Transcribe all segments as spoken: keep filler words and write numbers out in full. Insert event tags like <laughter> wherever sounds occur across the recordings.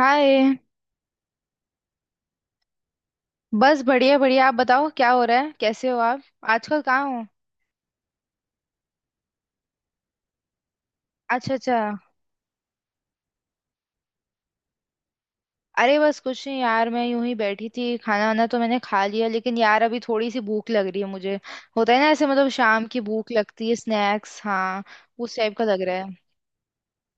हाय। बस बढ़िया बढ़िया। आप बताओ क्या हो रहा है, कैसे हो आप? आजकल कहाँ हो? अच्छा अच्छा। अरे बस कुछ नहीं यार, मैं यूं ही बैठी थी। खाना वाना तो मैंने खा लिया, लेकिन यार अभी थोड़ी सी भूख लग रही है मुझे। होता है ना ऐसे, मतलब शाम की भूख लगती है, स्नैक्स। हाँ, उस टाइप का लग रहा है।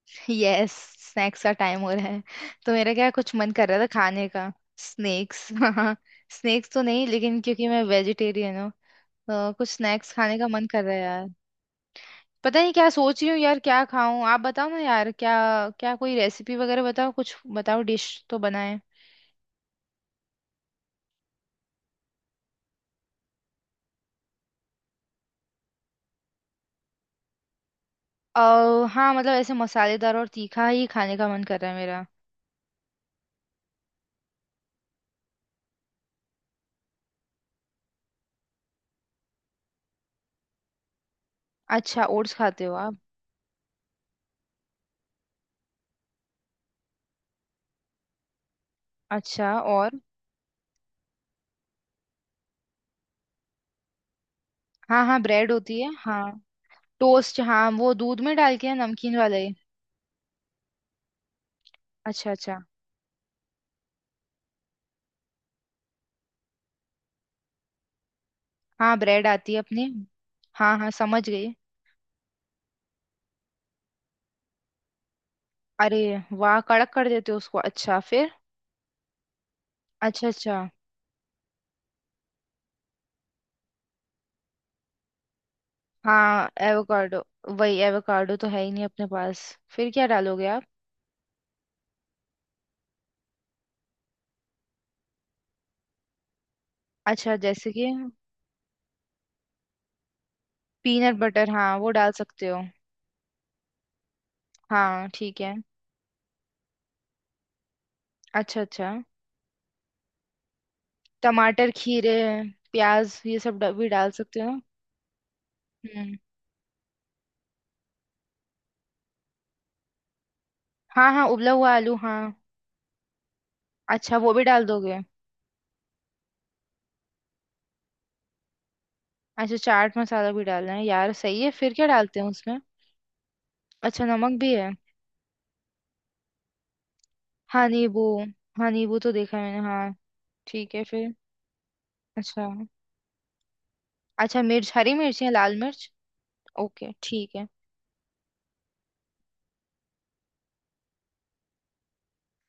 <laughs> यस, स्नैक्स का टाइम हो रहा है। तो मेरा क्या कुछ मन कर रहा था खाने का। स्नैक्स <laughs> हाँ। स्नैक्स तो नहीं, लेकिन क्योंकि मैं वेजिटेरियन हूँ, तो कुछ स्नैक्स खाने का मन कर रहा है यार। पता नहीं क्या सोच रही हूँ यार, क्या खाऊं। आप बताओ ना यार, क्या, क्या कोई रेसिपी वगैरह बताओ, कुछ बताओ, डिश तो बनाए। अः हाँ मतलब ऐसे मसालेदार और तीखा ही खाने का मन कर रहा है मेरा। अच्छा, ओट्स खाते हो आप? अच्छा, और? हाँ हाँ, ब्रेड होती है हाँ। टोस्ट हाँ, वो दूध में डाल के है, नमकीन वाले। अच्छा अच्छा। हाँ, ब्रेड आती है अपनी। हाँ हाँ, समझ गई। अरे वाह, कड़क कर देते हो उसको, अच्छा फिर? अच्छा अच्छा। हाँ एवोकाडो, वही एवोकाडो तो है ही नहीं अपने पास। फिर क्या डालोगे आप? अच्छा, जैसे कि? पीनट बटर हाँ, वो डाल सकते हो। हाँ ठीक है। अच्छा अच्छा। टमाटर खीरे प्याज ये सब डा- भी डाल सकते हो। हम्म। हाँ हाँ, उबला हुआ आलू हाँ। अच्छा, वो भी डाल दोगे? अच्छा, चाट मसाला भी डालना है यार, सही है। फिर क्या डालते हैं उसमें? अच्छा, नमक भी है। हाँ नींबू। हाँ नींबू तो देखा है मैंने हाँ। ठीक है फिर? अच्छा अच्छा। मिर्च, हरी मिर्च या लाल मिर्च? ओके ठीक है।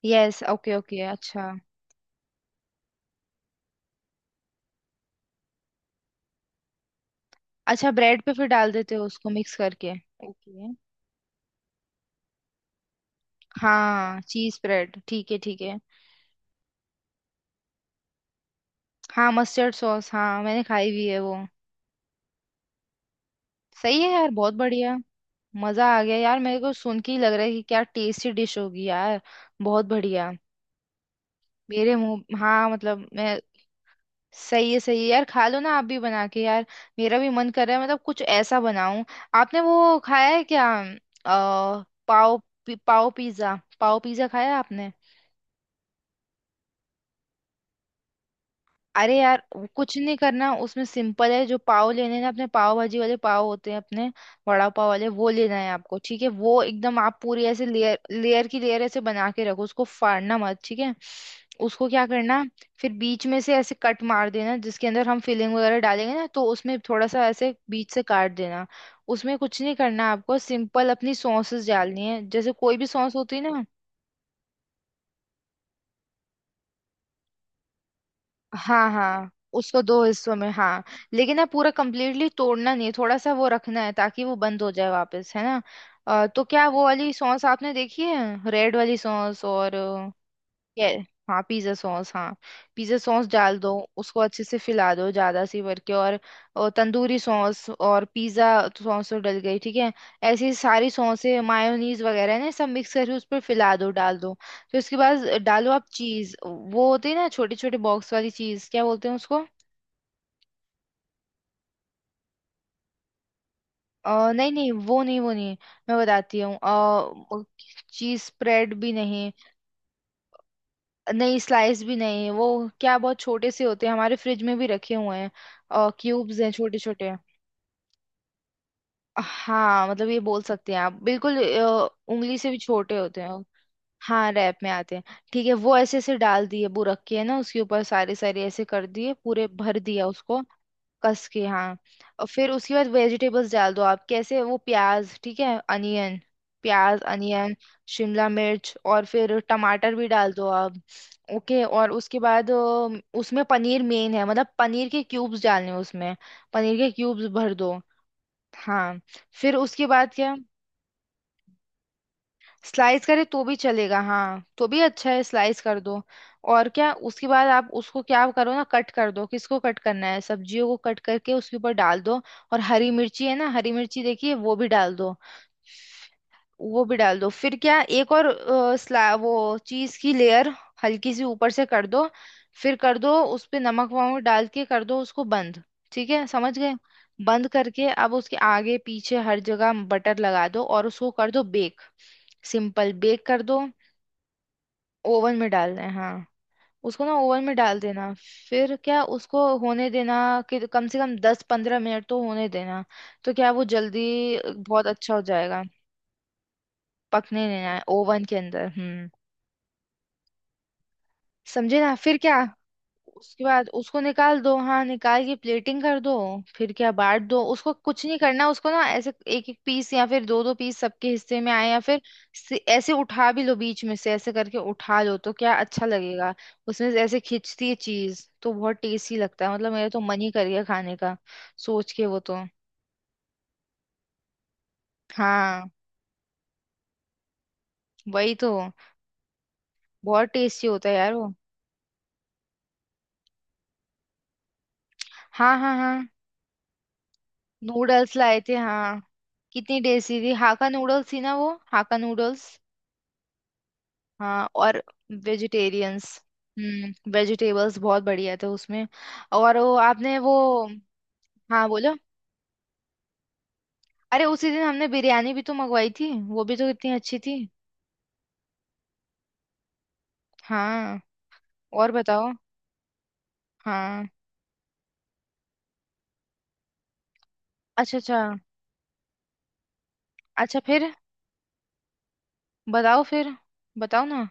यस ओके ओके अच्छा। अच्छा, ब्रेड पे फिर डाल देते हो उसको मिक्स करके। ओके हाँ, चीज ब्रेड ठीक है ठीक है। हाँ मस्टर्ड सॉस, हाँ मैंने खाई हुई है वो। सही है यार, बहुत बढ़िया। मजा आ गया यार, मेरे को सुन के ही लग रहा है कि क्या टेस्टी डिश होगी यार, बहुत बढ़िया। मेरे मुंह, हाँ मतलब मैं, सही है सही है यार, खा लो ना आप भी बना के यार। मेरा भी मन कर रहा है, मतलब कुछ ऐसा बनाऊं। आपने वो खाया है क्या, अ पाव? पी- पाव पिज्जा, पाव पिज्जा खाया है आपने? अरे यार, वो कुछ नहीं करना उसमें, सिंपल है। जो पाव लेने ना, अपने पाव भाजी वाले पाव होते हैं अपने, वड़ा पाव वाले, वो लेना है आपको। ठीक है, वो एकदम आप पूरी ऐसे लेयर लेयर की लेयर ऐसे बना के रखो, उसको फाड़ना मत, ठीक है। उसको क्या करना, फिर बीच में से ऐसे कट मार देना, जिसके अंदर हम फिलिंग वगैरह डालेंगे ना, तो उसमें थोड़ा सा ऐसे बीच से काट देना। उसमें कुछ नहीं करना आपको, सिंपल अपनी सॉसेस डालनी है, जैसे कोई भी सॉस होती है ना। हाँ हाँ, उसको दो हिस्सों में हाँ। लेकिन ना पूरा कंप्लीटली तोड़ना नहीं है, थोड़ा सा वो रखना है ताकि वो बंद हो जाए वापस, है ना। अ, तो क्या वो वाली सॉस आपने देखी है, रेड वाली सॉस? और ये, हाँ पिज्ज़ा सॉस हाँ, पिज़्ज़ा सॉस डाल दो। उसको अच्छे से फैला दो ज़्यादा सी भर के, और, और तंदूरी सॉस और पिज़्ज़ा सॉस तो डल गई, ठीक है। ऐसी सारी सॉसें मायोनीज वगैरह है ना, सब मिक्स करके उस पर फैला दो, डाल दो। फिर उसके बाद डालो आप चीज़, वो होती है ना, छोटे छोटे बॉक्स वाली चीज़, क्या बोलते हैं उसको? अ, नहीं नहीं, वो नहीं वो नहीं, मैं बताती हूँ। चीज़ स्प्रेड भी नहीं। नहीं स्लाइस भी नहीं, वो क्या, बहुत छोटे से होते हैं, हमारे फ्रिज में भी रखे हुए हैं, और क्यूब्स हैं छोटे छोटे। हाँ मतलब ये बोल सकते हैं आप, बिल्कुल अ, उंगली से भी छोटे होते हैं। हाँ रैप में आते हैं। ठीक है, वो ऐसे ऐसे डाल दिए, वो रखे है ना, उसके ऊपर सारे सारे ऐसे कर दिए, पूरे भर दिया उसको, कस के हाँ। और फिर उसके बाद वेजिटेबल्स डाल दो आप, कैसे वो, प्याज, ठीक है अनियन, प्याज अनियन, शिमला मिर्च, और फिर टमाटर भी डाल दो आप। ओके, और उसके बाद अम, उसमें पनीर मेन है, मतलब पनीर के क्यूब्स डालने हैं उसमें। पनीर के क्यूब्स भर दो हाँ। फिर उसके बाद क्या, स्लाइस करे तो भी चलेगा, हाँ तो भी अच्छा है, स्लाइस कर दो। और क्या उसके बाद आप उसको क्या करो ना, कट कर दो, किसको कट करना है, सब्जियों को कट करके उसके ऊपर डाल दो। और हरी मिर्ची है ना, हरी मिर्ची देखिए, वो भी डाल दो। वो भी डाल दो। फिर क्या, एक और अ, स्ला वो चीज की लेयर हल्की सी ऊपर से कर दो। फिर कर दो उस पे नमक वमक डाल के, कर दो उसको बंद। ठीक है, समझ गए? बंद करके अब उसके आगे पीछे हर जगह बटर लगा दो, और उसको कर दो बेक। सिंपल बेक कर दो। ओवन में डालना है हाँ। उसको ना ओवन में डाल देना। फिर क्या उसको होने देना, कि कम से कम दस पंद्रह मिनट तो होने देना। तो क्या वो जल्दी बहुत अच्छा हो जाएगा। पकने देना है ओवन के अंदर, हम्म। समझे ना, फिर क्या उसके बाद उसको निकाल दो। हाँ निकाल के प्लेटिंग कर दो। फिर क्या बांट दो उसको, कुछ नहीं करना उसको ना, ऐसे एक एक पीस या फिर दो दो पीस सबके हिस्से में आए, या फिर से- ऐसे उठा भी लो, बीच में से ऐसे करके उठा लो, तो क्या अच्छा लगेगा। उसमें से ऐसे खिंचती है चीज तो बहुत टेस्टी लगता है, मतलब मेरा तो मन ही कर गया खाने का, सोच के वो तो। हाँ वही तो, बहुत टेस्टी होता है यार वो। हाँ हाँ हाँ, नूडल्स लाए थे हाँ, कितनी टेस्टी थी। हाका नूडल्स थी ना वो, हाका नूडल्स। हाँ और वेजिटेरियंस, हम्म वेजिटेबल्स बहुत बढ़िया थे उसमें। और वो आपने वो, हाँ बोलो। अरे उसी दिन हमने बिरयानी भी तो मंगवाई थी, वो भी तो कितनी अच्छी थी। हाँ और बताओ। हाँ अच्छा अच्छा। अच्छा फिर, बताओ फिर, बताओ ना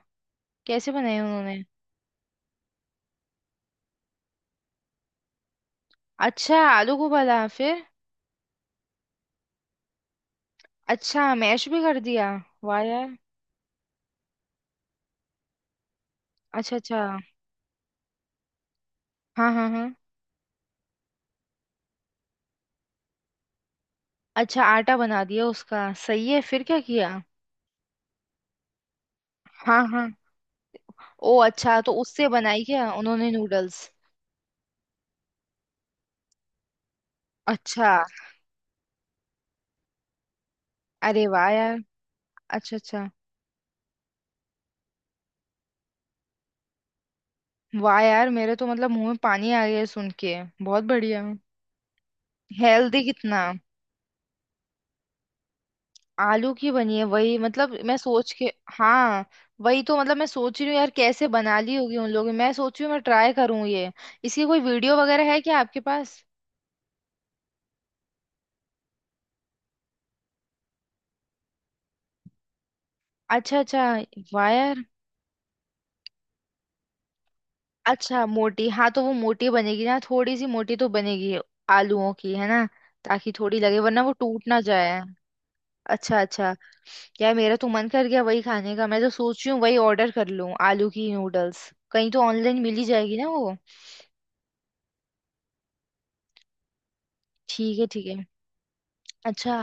कैसे बनाए उन्होंने। अच्छा, आलू को उबाला फिर? अच्छा मैश भी कर दिया, वाह यार। अच्छा अच्छा, हाँ हाँ हाँ। अच्छा आटा बना दिया उसका, सही है, फिर क्या किया? हाँ हाँ ओ अच्छा, तो उससे बनाई क्या उन्होंने नूडल्स? अच्छा, अरे वाह यार। अच्छा अच्छा। वाह यार, मेरे तो मतलब मुंह में पानी आ गया है सुन के, बहुत बढ़िया। हेल्दी कितना, आलू की बनी है। वही मतलब मैं सोच के, हाँ वही तो, मतलब मैं सोच रही हूँ यार, कैसे बना ली होगी उन लोगों ने। मैं सोच रही हूँ मैं ट्राई करूँ ये। इसकी कोई वीडियो वगैरह है क्या आपके पास? अच्छा अच्छा, वाह यार। अच्छा मोटी हाँ, तो वो मोटी बनेगी ना, थोड़ी सी मोटी तो बनेगी। आलूओं की है ना। ताकि थोड़ी लगे, वरना वो टूट ना जाए। अच्छा अच्छा। यार मेरा तो मन कर गया वही खाने का, मैं तो सोच रही हूँ वही ऑर्डर कर लूँ। आलू की नूडल्स कहीं तो ऑनलाइन मिल ही जाएगी ना वो। ठीक है ठीक है, अच्छा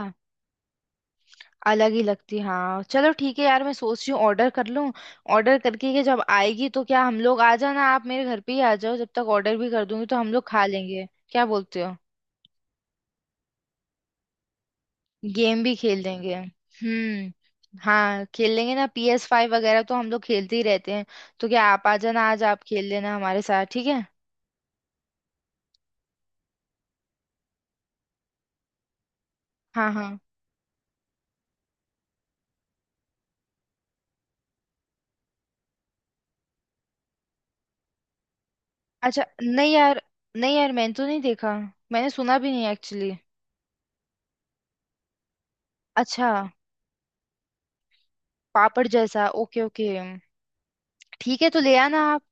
अलग ही लगती हाँ, चलो ठीक है यार, मैं सोच रही हूँ ऑर्डर कर लूँ। ऑर्डर करके के जब आएगी तो क्या हम लोग, आ जाना आप, मेरे घर पे ही आ जाओ, जब तक ऑर्डर भी कर दूंगी, तो हम लोग खा लेंगे, क्या बोलते हो? गेम भी खेल लेंगे, हम्म हाँ खेल लेंगे ना, पी एस फाइव वगैरह तो हम लोग खेलते ही रहते हैं। तो क्या आप आ जाना, आज आप खेल लेना हमारे साथ, ठीक है? हाँ हाँ। अच्छा नहीं यार, नहीं यार मैंने तो नहीं देखा, मैंने सुना भी नहीं एक्चुअली। अच्छा, पापड़ जैसा ओके ओके। ठीक है तो ले आना आप,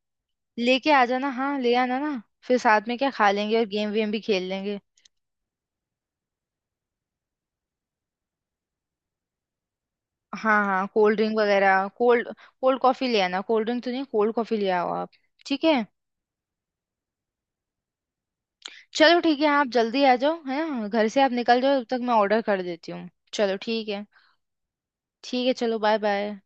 लेके आ जाना हाँ, ले आना ना। फिर साथ में क्या खा लेंगे, और गेम वेम भी खेल लेंगे। हाँ हाँ कोल्ड ड्रिंक वगैरह, कोल्ड, कोल्ड कॉफी ले आना, कोल्ड ड्रिंक तो नहीं, कोल्ड कॉफी ले आओ आप। ठीक है चलो, ठीक है आप जल्दी आ जाओ है ना, घर से आप निकल जाओ, तब तक मैं ऑर्डर कर देती हूँ, चलो ठीक है। ठीक है चलो, बाय बाय।